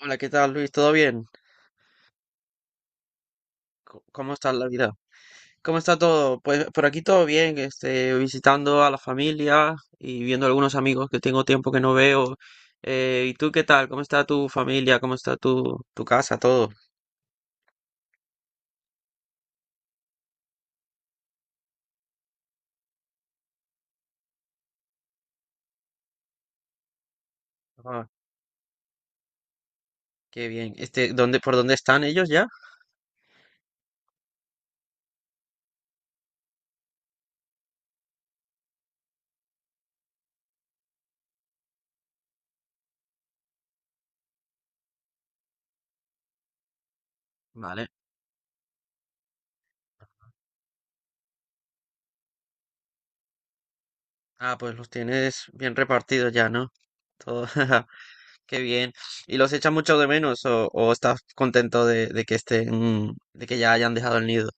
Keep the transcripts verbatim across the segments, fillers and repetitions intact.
Hola, ¿qué tal, Luis? ¿Todo bien? Co- ¿Cómo está la vida? ¿Cómo está todo? Pues por aquí todo bien, este, visitando a la familia y viendo algunos amigos que tengo tiempo que no veo. Eh, ¿y tú qué tal? ¿Cómo está tu familia? ¿Cómo está tu, tu casa? Todo. Ah, qué bien. Este, ¿dónde, por dónde están ellos ya? Vale. Ah, pues los tienes bien repartidos ya, ¿no? Todo. Qué bien. ¿Y los echas mucho de menos o, o estás contento de, de que estén, de que ya hayan dejado el nido?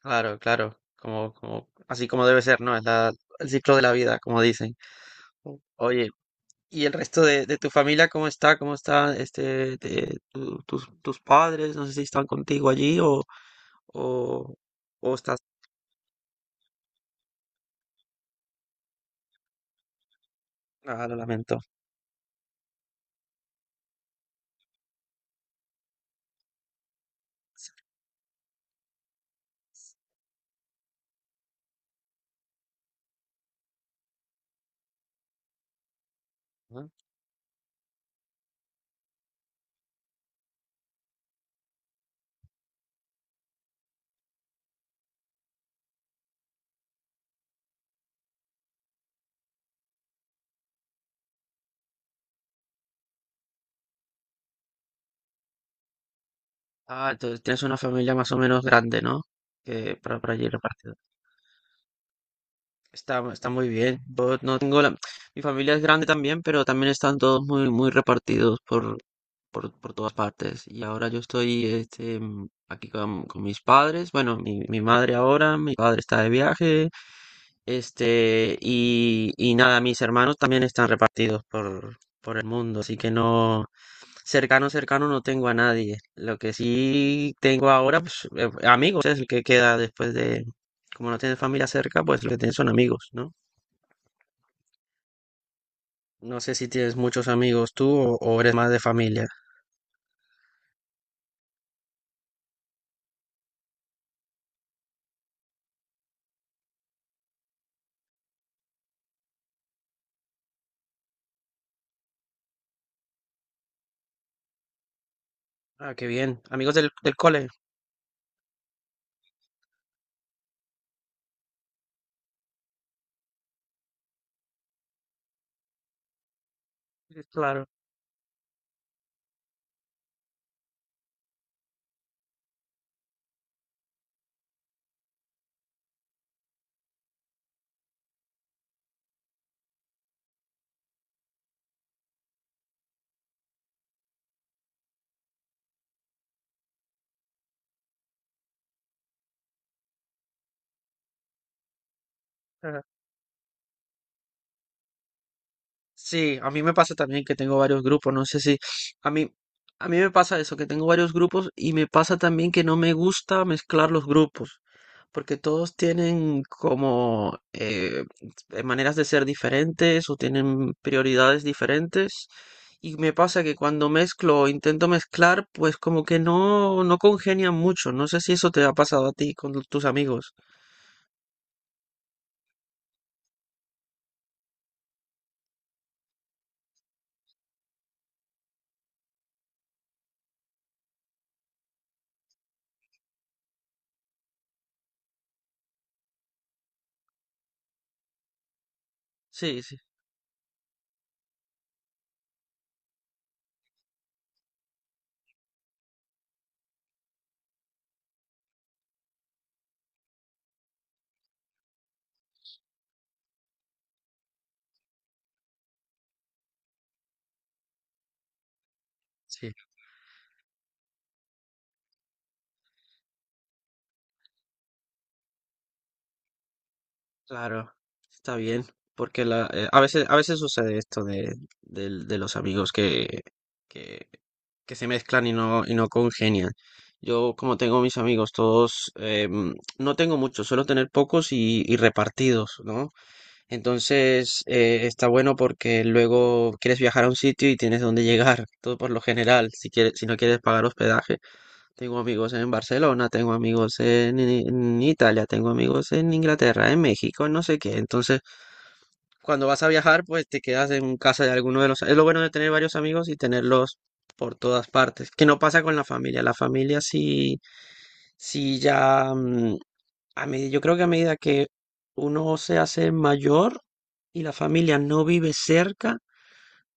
Claro, claro, como, como, así como debe ser, ¿no? Es la, el ciclo de la vida, como dicen. Mm. Oye, ¿y el resto de, de tu familia cómo está? ¿Cómo está este de tu- tus, tus padres? No sé si están contigo allí o, o, o estás. Ah, lo lamento. Ujú. Ah, entonces tienes una familia más o menos grande, ¿no? Que para, para allí repartida. Está, está muy bien. Yo no tengo la. Mi familia es grande también, pero también están todos muy, muy repartidos por. por, por todas partes. Y ahora yo estoy este, mm, aquí con, con mis padres. Bueno, mi, mi madre ahora, mi padre está de viaje. Este, y, y nada, mis hermanos también están repartidos por, por el mundo. Así que no, cercano, cercano no tengo a nadie. Lo que sí tengo ahora, pues eh, amigos, es el que queda después de, como no tienes familia cerca, pues lo que tienes son amigos, ¿no? No sé si tienes muchos amigos tú o, o eres más de familia. Ah, qué bien. Amigos del, del cole. Sí, claro. Ajá. Sí, a mí me pasa también que tengo varios grupos. No sé si a mí, a mí me pasa eso, que tengo varios grupos y me pasa también que no me gusta mezclar los grupos, porque todos tienen como eh, eh, maneras de ser diferentes o tienen prioridades diferentes. Y me pasa que cuando mezclo o intento mezclar, pues como que no, no congenian mucho. No sé si eso te ha pasado a ti con tus amigos. Sí, sí. Claro, está bien, porque la, eh, a veces, a veces sucede esto de, del- de los amigos que, que, que se mezclan y no, y no congenian. Yo, como tengo mis amigos todos, eh, mm, no tengo muchos, suelo tener pocos y, y repartidos, ¿no? Entonces, eh, está bueno porque luego quieres viajar a un sitio y tienes dónde llegar, todo por lo general, si quieres, si no quieres pagar hospedaje. Tengo amigos en Barcelona, tengo amigos en, en Italia, tengo amigos en Inglaterra, en México, en no sé qué. Entonces, cuando vas a viajar, pues te quedas en casa de alguno de los. Es lo bueno de tener varios amigos y tenerlos por todas partes, que no pasa con la familia. La familia sí, sí ya... mm, A medida, yo creo que a medida que uno se hace mayor y la familia no vive cerca,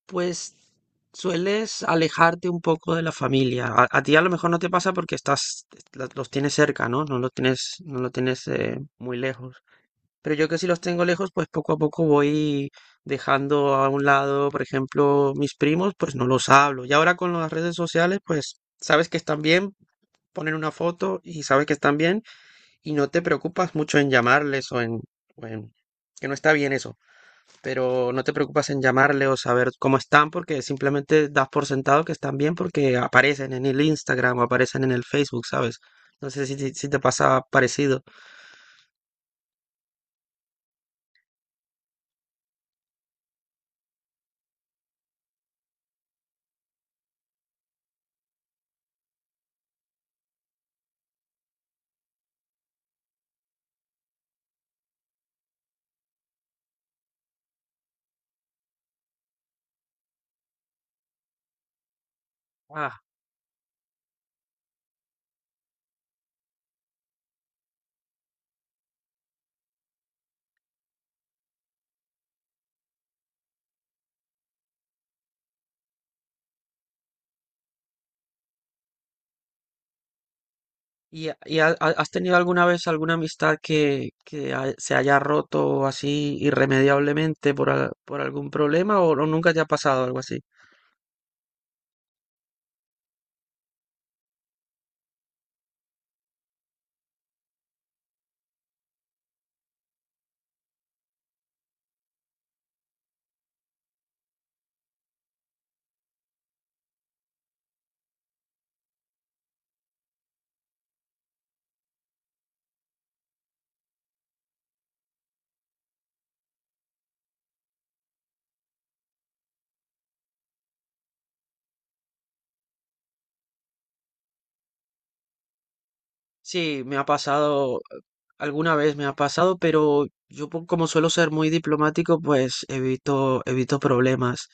pues sueles alejarte un poco de la familia. A, a ti a lo mejor no te pasa porque estás, la- los tienes cerca, ¿no? No los tienes, no lo tienes eh, muy lejos. Pero yo que sí los tengo lejos, pues poco a poco voy dejando a un lado, por ejemplo, mis primos, pues no los hablo. Y ahora con las redes sociales, pues sabes que están bien, ponen una foto y sabes que están bien y no te preocupas mucho en llamarles o en, o en que no está bien eso, pero no te preocupas en llamarle o saber cómo están porque simplemente das por sentado que están bien porque aparecen en el Instagram o aparecen en el Facebook, ¿sabes? No sé si, si- si te pasa parecido. Ah, ¿y, y ha- ha- has tenido alguna vez alguna amistad que, que ha- se haya roto así irremediablemente por, al- por algún problema o, o nunca te ha pasado algo así? Sí, me ha pasado, eh, alguna vez me ha pasado, pero yo po- como suelo ser muy diplomático, pues evito, evito problemas.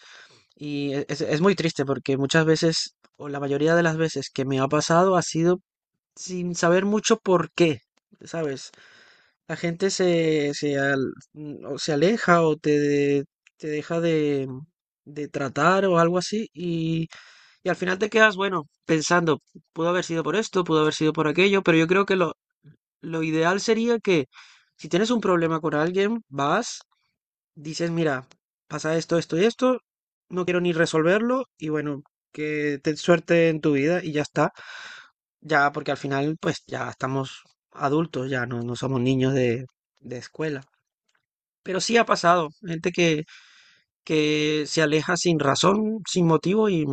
Y e- es, es muy triste porque muchas veces, o la mayoría de las veces que me ha pasado, ha sido sin saber mucho por qué, ¿sabes? La gente se, se, al- mm, o se aleja o te, de- te deja de, de tratar o algo así, y, y al final te quedas, bueno, pensando, pudo haber sido por esto, pudo haber sido por aquello, pero yo creo que lo, lo ideal sería que si tienes un problema con alguien, vas, dices, mira, pasa esto, esto y esto, no quiero ni resolverlo y bueno, que te suerte en tu vida y ya está. Ya, porque al final, pues ya estamos adultos, ya no, no somos niños de, de escuela. Pero sí ha pasado, gente que, que se aleja sin razón, sin motivo y,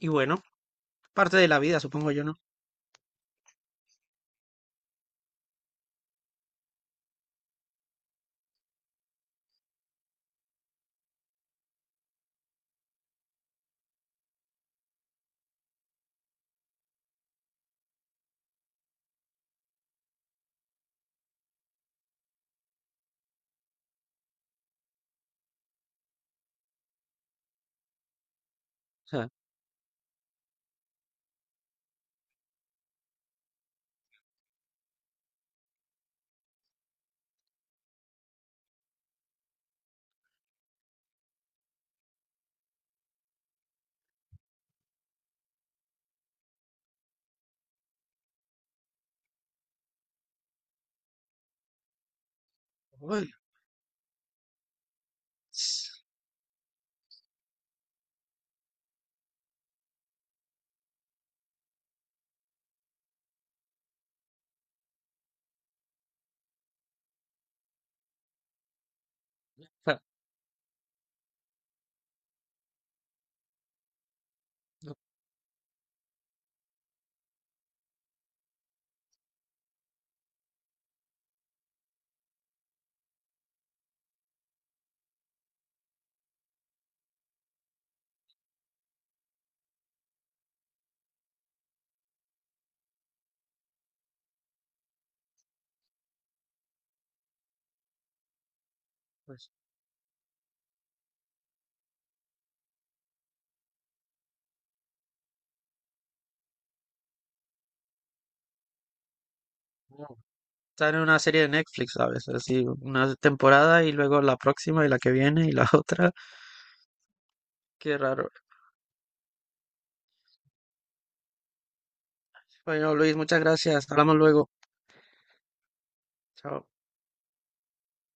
y bueno, parte de la vida, supongo yo, ¿no? O sea, uy, o sea, no, pues, no. Sale una serie de Netflix a veces, así una temporada y luego la próxima y la que viene y la otra. Qué raro. Bueno, Luis, muchas gracias. Hablamos luego. Chao.